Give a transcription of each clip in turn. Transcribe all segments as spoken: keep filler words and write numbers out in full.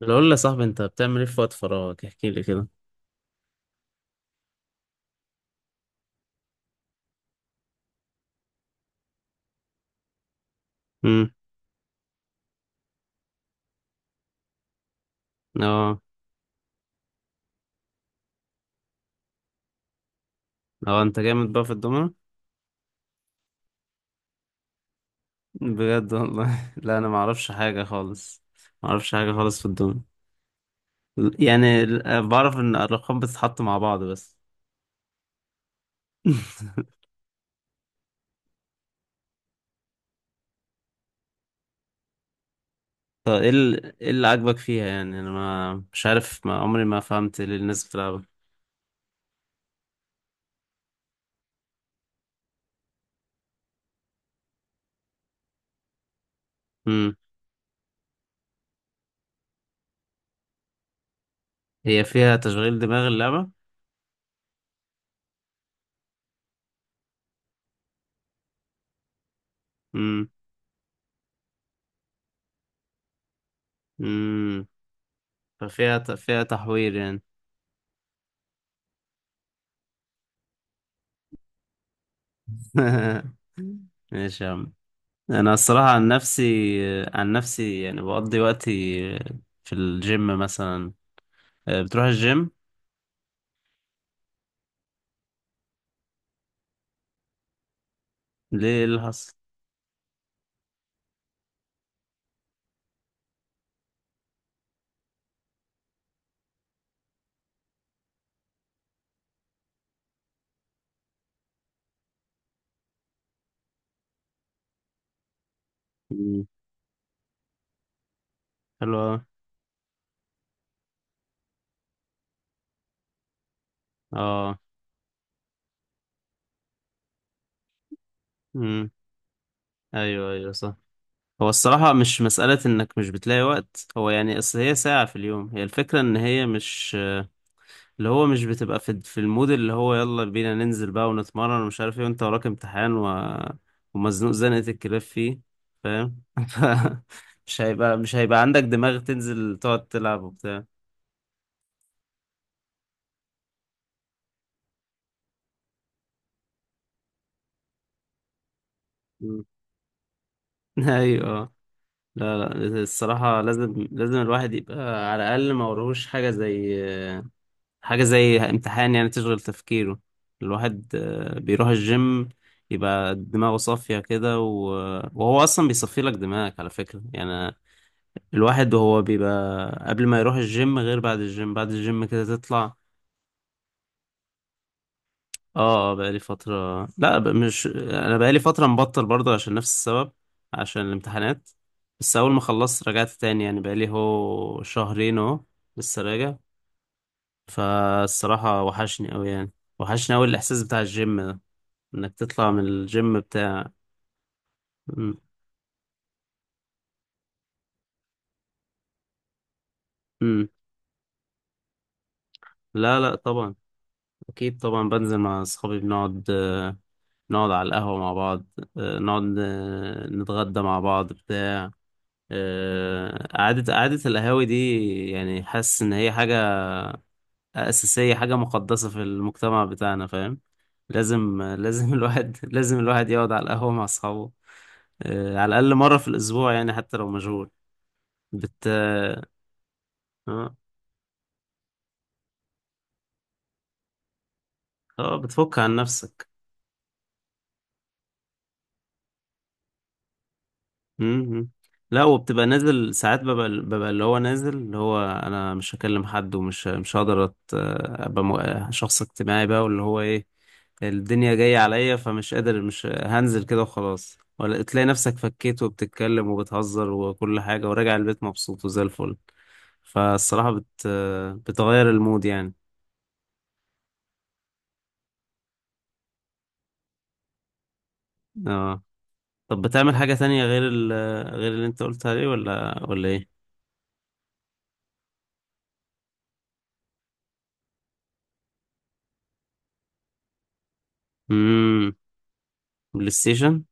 لو قول لي يا صاحبي انت بتعمل ايه في وقت فراغك؟ احكي لي كده. امم اه، اه، انت جامد بقى في الدومنة. بجد والله. لا، انا ما اعرفش حاجه خالص. ما اعرفش حاجه خالص في الدومنة. يعني ال- آه، بعرف ان الارقام بتتحط مع بعض بس. طب ايه ال- ايه اللي عاجبك فيها؟ يعني انا ما مش عارف، ما عمري ما فهمت ليه الناس بتلعبها. امم هي فيها تشغيل دماغ اللعبة؟ امم امم ففيها ت- فيها تحوير يعني. ماشي يا عم. انا الصراحه عن نفسي، عن نفسي يعني بقضي وقتي في الجيم مثلا. آه، بتروح الجيم؟ ليه؟ إيه اللي حصل؟ مم. حلو أوي. اه. امم. ايوه، ايوه، صح. هو الصراحه مش مساله انك مش بتلاقي وقت، هو يعني اصل هي ساعه في اليوم، هي الفكره ان هي مش اللي هو، مش بتبقى في في المود اللي هو يلا بينا ننزل بقى ونتمرن ومش عارف ايه، وانت وراك امتحان و... ومزنوق زنقة الكلاب فيه، فاهم؟ ف- مش هيبقى مش هيبقى عندك دماغ تنزل تقعد تلعب وبتاع. مم. ايوه. لا، لا، الصراحة لازم لازم الواحد يبقى على الأقل ما وراهوش حاجة، زي حاجة زي امتحان يعني تشغل تفكيره. الواحد آه، بيروح الجيم يبقى دماغه صافية كده، و... وهو أصلا بيصفي لك دماغك على فكرة يعني. الواحد وهو بيبقى قبل ما يروح الجيم غير بعد الجيم بعد الجيم كده تطلع. اه، اه، بقالي فترة، لا ب- مش، انا بقالي فترة مبطل برضه عشان نفس السبب، عشان الامتحانات. بس اول ما خلصت رجعت تاني، يعني بقالي هو شهرين اهو، لسه راجع. فالصراحة وحشني اوي يعني، وحشني اوي الاحساس بتاع الجيم ده، انك تطلع من الجيم بتاع. م- م. لا، لا، طبعا، اكيد طبعا بنزل مع اصحابي، بنقعد، نقعد على القهوة مع بعض، آه، نقعد، آه، نتغدى مع بعض بتاع، آه، قعدة، قعدة القهاوي دي. يعني حاسس إن هي حاجة أساسية، حاجة مقدسة في المجتمع بتاعنا، فاهم؟ لازم، لازم، الواحد لازم الواحد يقعد على القهوة مع أصحابه، آه، على الأقل مرة في الأسبوع يعني حتى لو مشغول. بت آه آه، بتفك عن نفسك. مم. لا، وبتبقى نازل ساعات، ببقى ببقى اللي هو نازل، اللي هو انا مش هكلم حد، ومش مش هقدر أت- ابقى مو- شخص اجتماعي بقى، واللي هو ايه، الدنيا جاية عليا، فمش قادر، مش هنزل كده وخلاص. ولا تلاقي نفسك فكيت وبتتكلم وبتهزر وكل حاجة وراجع البيت مبسوط وزي الفل. فالصراحة بت بتغير المود يعني. اه. طب بتعمل حاجة تانية غير ال غير اللي انت قلت عليه، ولا ولا ايه؟ امم بلاي ستيشن؟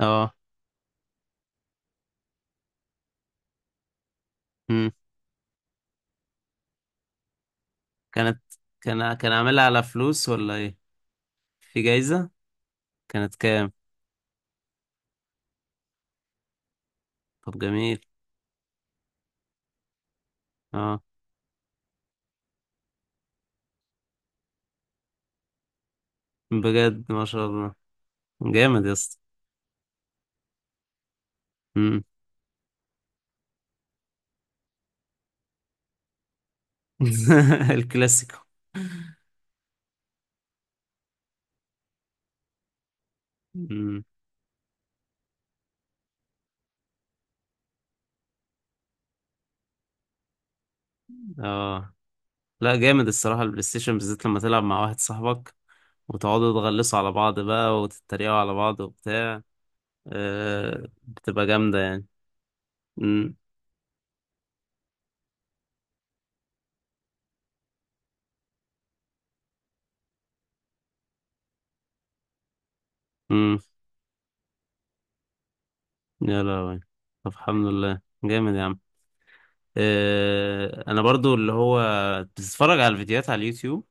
اه، كانت كان كان عاملها على فلوس ولا ايه؟ في جايزة؟ كانت كام؟ طب جميل. اه، بجد ما شاء الله، جامد يا اسطى. مم. الكلاسيكو. مم. اه. لا، جامد الصراحة البلاي ستيشن، بالذات لما تلعب مع واحد صاحبك وتقعدوا تغلسوا على بعض بقى وتتريقوا على بعض وبتاع. آه بتبقى جامدة يعني. مم. مم. يا لهوي. طب الحمد لله، جامد يا عم. آه انا برضو اللي هو بتتفرج على الفيديوهات على اليوتيوب.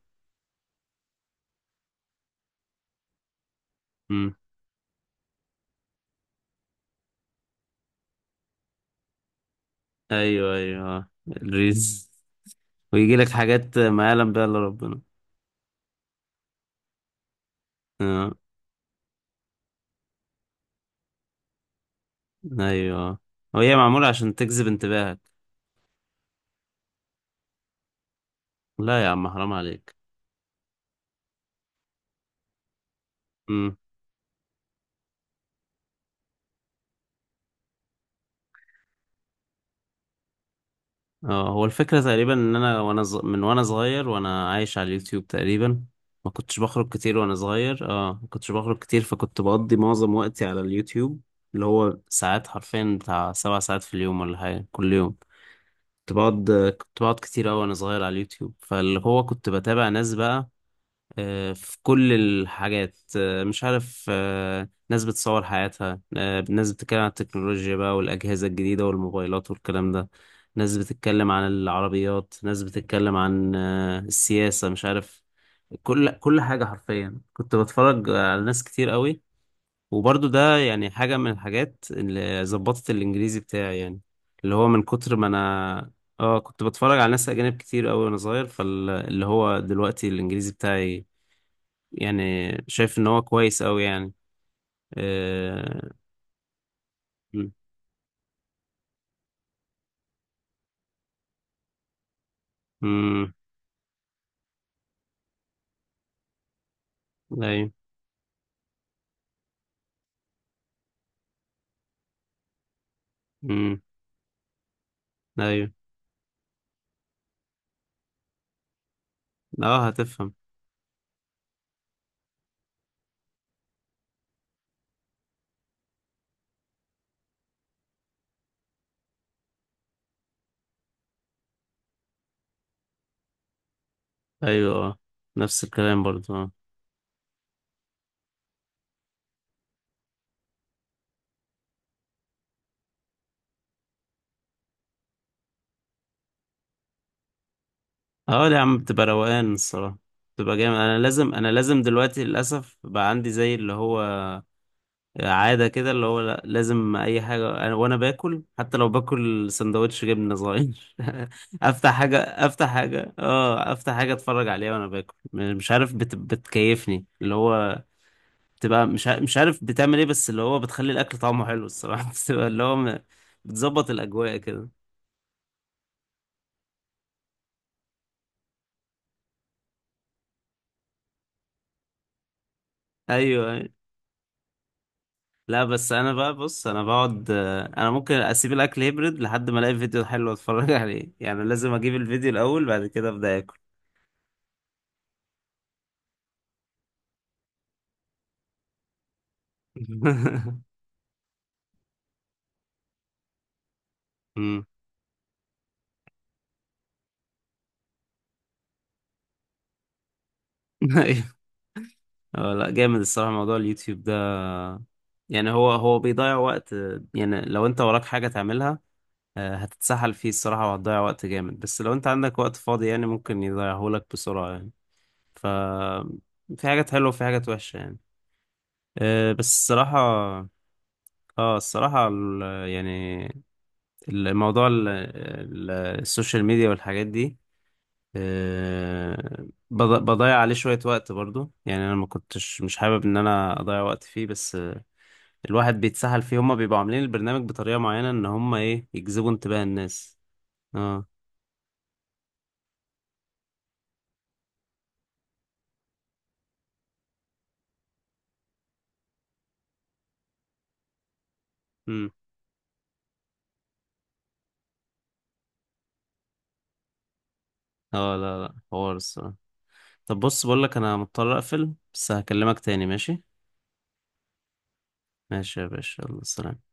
مم. ايوه، ايوه، اه. الريز. ويجي لك حاجات ما يعلم بها الا ربنا. آه. ايوه، وهي معموله عشان تجذب انتباهك. لا يا عم، حرام عليك. مم. اه، هو الفكره تقريبا ان انا، وانا ز... من وانا صغير وانا عايش على اليوتيوب تقريبا. ما كنتش بخرج كتير وانا صغير، اه ما كنتش بخرج كتير، فكنت بقضي معظم وقتي على اليوتيوب، اللي هو ساعات حرفيا بتاع سبع ساعات في اليوم ولا حاجه كل يوم. كنت بقعد كنت بقعد كتير أوي وأنا صغير على اليوتيوب، فاللي هو كنت بتابع ناس بقى، آه، في كل الحاجات، آه، مش عارف، آه، ناس بتصور حياتها، آه، ناس بتتكلم عن التكنولوجيا بقى والأجهزة الجديدة والموبايلات والكلام ده، ناس بتتكلم عن العربيات، ناس بتتكلم عن آه، السياسة، مش عارف، كل كل حاجة حرفيا كنت بتفرج على ناس كتير قوي. وبرضو ده يعني حاجة من الحاجات اللي ظبطت الإنجليزي بتاعي يعني، اللي هو من كتر ما أنا، اه، كنت بتفرج على ناس أجانب كتير قوي وأنا صغير، فاللي هو دلوقتي الإنجليزي بتاعي يعني شايف ان هو كويس قوي يعني. آه، امم، ايوه. امم، ايوه. اه، هتفهم. ايوه، اه، نفس الكلام برضو، اه. اه يا عم، بتبقى روقان الصراحه، بتبقى جامد. انا لازم انا لازم دلوقتي للاسف بقى عندي زي اللي هو عاده كده، اللي هو لا، لازم اي حاجه أنا وانا باكل، حتى لو باكل سندوتش جبنه صغير. افتح حاجه افتح حاجه اه افتح حاجه اتفرج عليها وانا باكل، مش عارف، بت... بتكيفني اللي هو، بتبقى مش ع- مش عارف بتعمل ايه، بس اللي هو بتخلي الاكل طعمه حلو الصراحه. بتبقى اللي هو م- بتظبط الاجواء كده. ايوه، أيوة. لا بس انا بقى، بص انا بقعد، آه، انا ممكن اسيب الاكل هيبرد لحد ما الاقي فيديو حلو اتفرج عليه، يعني لازم اجيب الفيديو الاول بعد كده ابدا اكل. أمم. ايوه. آه، لا جامد الصراحه موضوع اليوتيوب ده، يعني هو هو بيضيع وقت، آه، يعني لو انت وراك حاجه تعملها، آه، هتتسحل فيه الصراحه وهتضيع وقت جامد، بس لو انت عندك وقت فاضي يعني ممكن يضيعهولك بسرعه يعني. ف في حاجات حلوة وفي حاجات وحشة يعني. آه، بس الصراحة، اه، الصراحة ال- يعني الموضوع، ال- ال- السوشيال ميديا والحاجات دي، آه، بض- بضيع عليه شوية وقت برضو يعني. أنا ما كنتش مش حابب إن أنا أضيع وقت فيه، بس آه، الواحد بيتسحل فيه، هما بيبقوا عاملين البرنامج بطريقة معينة إن هما إيه، يجذبوا انتباه الناس. اه. امم. اه. لا، لا، حوار الصراحة. طب بص بقولك، أنا مضطر أقفل بس هكلمك تاني، ماشي؟ ماشي يا باشا، يلا سلام.